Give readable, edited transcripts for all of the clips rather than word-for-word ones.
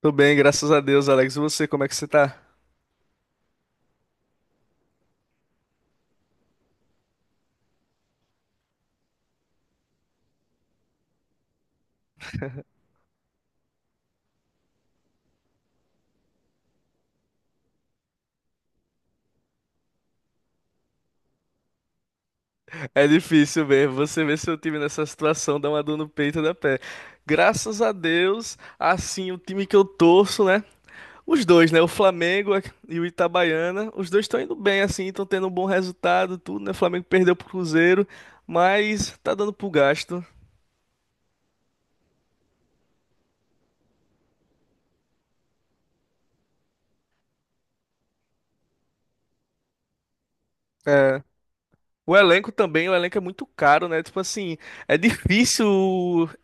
Tô bem, graças a Deus, Alex. E você, como é que você tá? É difícil mesmo. Você ver seu time nessa situação dá uma dor no peito da pé. Graças a Deus, assim, o time que eu torço, né? Os dois, né? O Flamengo e o Itabaiana. Os dois estão indo bem, assim, estão tendo um bom resultado, tudo, né? O Flamengo perdeu pro Cruzeiro, mas tá dando pro gasto. O elenco também, o elenco é muito caro, né? Tipo assim, é difícil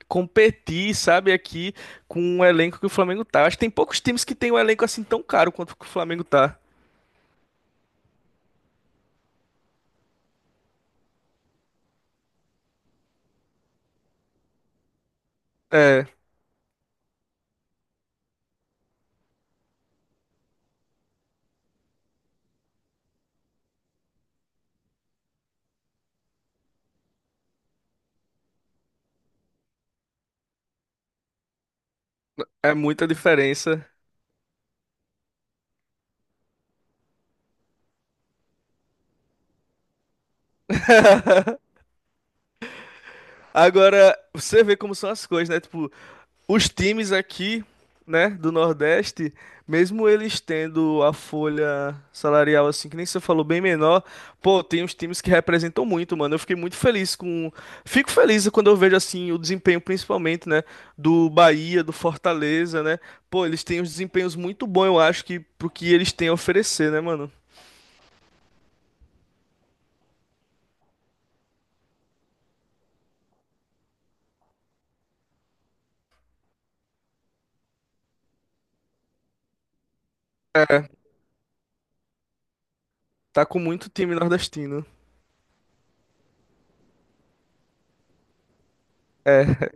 competir, sabe, aqui com o elenco que o Flamengo tá. Acho que tem poucos times que tem um elenco assim tão caro quanto que o Flamengo tá. É, é muita diferença. Agora, você vê como são as coisas, né? Tipo, os times aqui, né, do Nordeste, mesmo eles tendo a folha salarial, assim, que nem você falou, bem menor, pô, tem uns times que representam muito, mano. Eu fiquei muito feliz com. Fico feliz quando eu vejo, assim, o desempenho, principalmente, né, do Bahia, do Fortaleza, né. Pô, eles têm uns desempenhos muito bons, eu acho, que pro que eles têm a oferecer, né, mano? É, tá com muito time nordestino. É,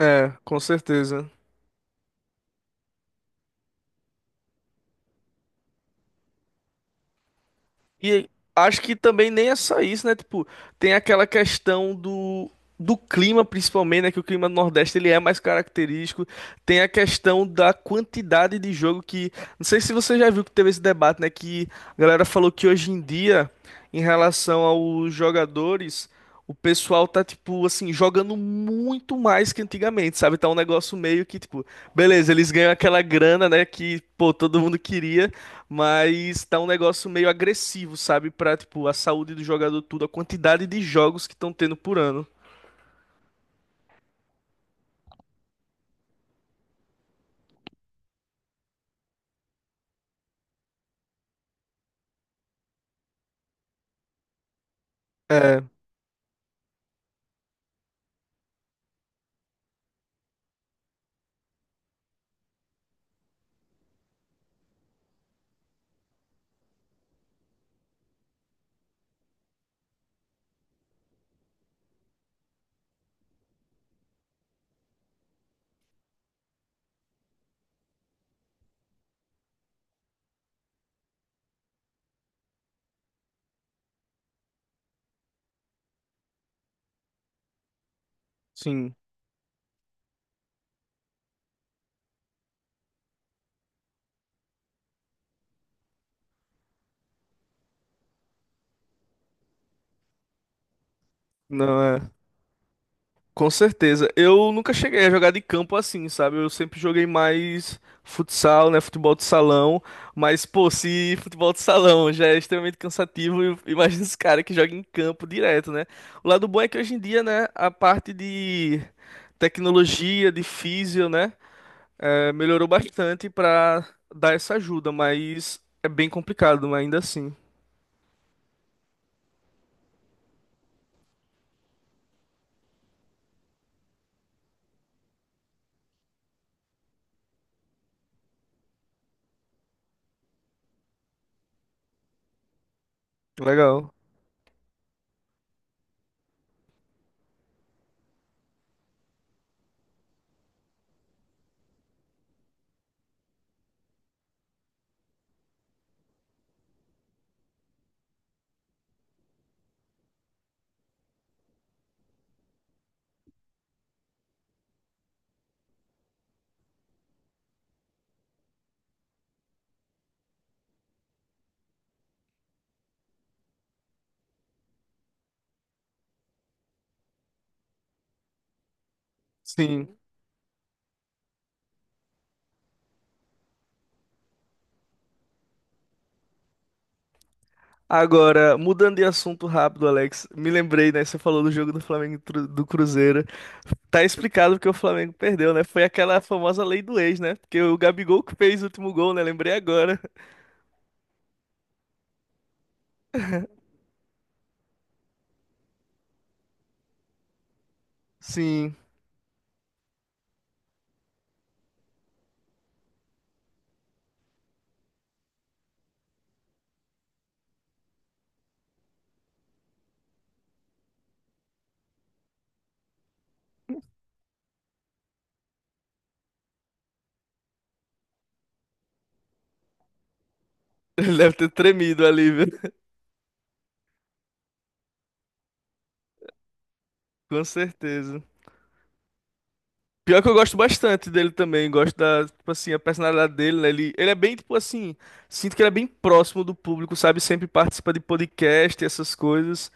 é, com certeza. E acho que também nem é só isso, né? Tipo, tem aquela questão do clima, principalmente, né? Que o clima do Nordeste ele é mais característico. Tem a questão da quantidade de jogo que. Não sei se você já viu que teve esse debate, né? Que a galera falou que hoje em dia, em relação aos jogadores, o pessoal tá, tipo, assim, jogando muito mais que antigamente, sabe? Tá um negócio meio que, tipo, beleza, eles ganham aquela grana, né? Que, pô, todo mundo queria. Mas tá um negócio meio agressivo, sabe? Pra, tipo, a saúde do jogador, tudo, a quantidade de jogos que estão tendo por ano. É, sim. Não é. Com certeza. Eu nunca cheguei a jogar de campo assim, sabe? Eu sempre joguei mais futsal, né? Futebol de salão. Mas, pô, se futebol de salão já é extremamente cansativo, imagina os caras que jogam em campo direto, né? O lado bom é que hoje em dia, né, a parte de tecnologia, de físio, né? É, melhorou bastante pra dar essa ajuda, mas é bem complicado, mas ainda assim. Legal. Sim. Agora, mudando de assunto rápido, Alex, me lembrei, né? Você falou do jogo do Flamengo e do Cruzeiro. Tá explicado porque o Flamengo perdeu, né? Foi aquela famosa lei do ex, né? Porque o Gabigol que fez o último gol, né? Lembrei agora. Sim. Ele deve ter tremido ali, viu? Com certeza. Pior que eu gosto bastante dele também, gosto da, tipo assim, a personalidade dele, né? Ele é bem, tipo assim, sinto que ele é bem próximo do público, sabe? Sempre participa de podcast e essas coisas.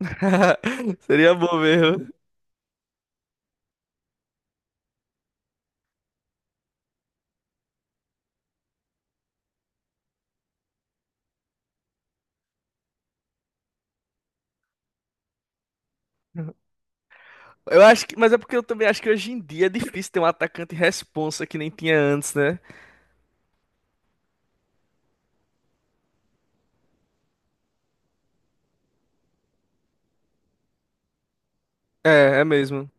Seria bom mesmo. Eu acho que, mas é porque eu também acho que hoje em dia é difícil ter um atacante responsa que nem tinha antes, né? É, é mesmo.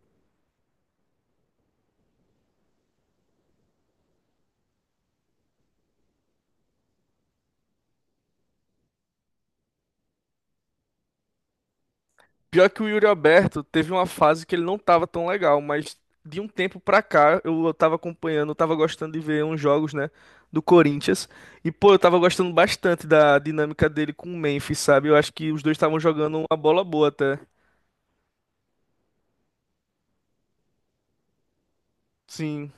Pior que o Yuri Alberto teve uma fase que ele não tava tão legal, mas de um tempo pra cá eu tava acompanhando, eu tava gostando de ver uns jogos, né, do Corinthians. E pô, eu tava gostando bastante da dinâmica dele com o Memphis, sabe? Eu acho que os dois estavam jogando uma bola boa até. Sim,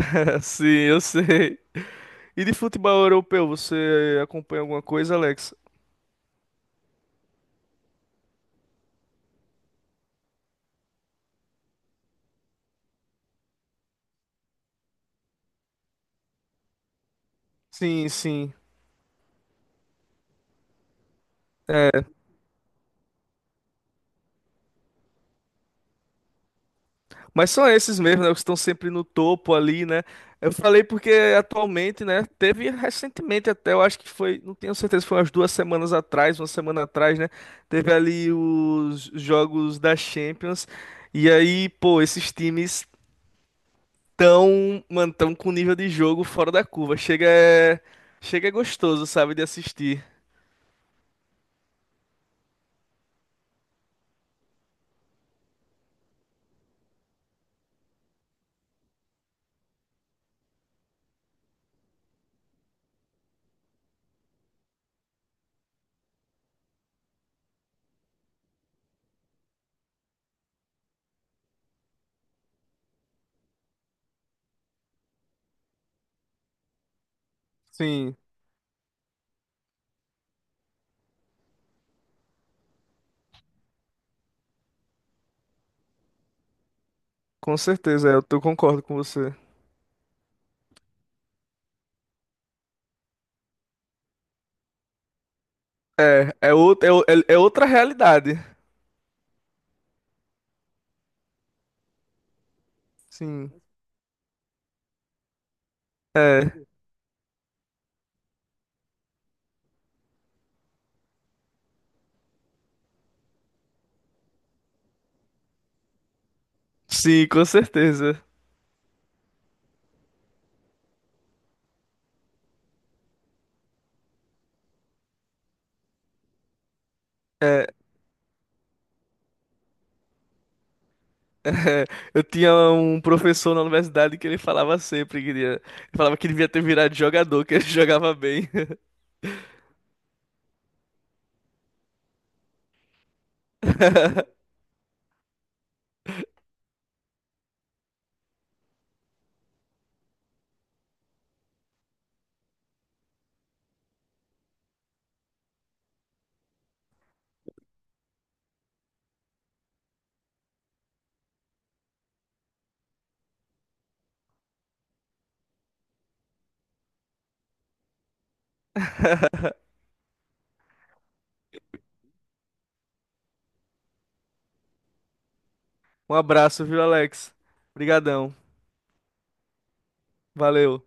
sim, eu sei. E de futebol europeu, você acompanha alguma coisa, Alex? Sim, sim. Mas são esses mesmo, né? Os que estão sempre no topo ali, né? Eu falei porque atualmente, né? Teve recentemente até, eu acho que foi, não tenho certeza, foi umas duas semanas atrás, uma semana atrás, né? Teve ali os jogos da Champions. E aí, pô, esses times tão, mano, tão com nível de jogo fora da curva. Chega é gostoso, sabe, de assistir. Sim, com certeza, é, concordo com você. É, é, é, é é outra realidade. Sim. Sim, com certeza. É, é, eu tinha um professor na universidade que ele falava sempre que ele falava que ele devia ter virado jogador, que ele jogava bem. Um abraço, viu, Alex? Obrigadão. Valeu.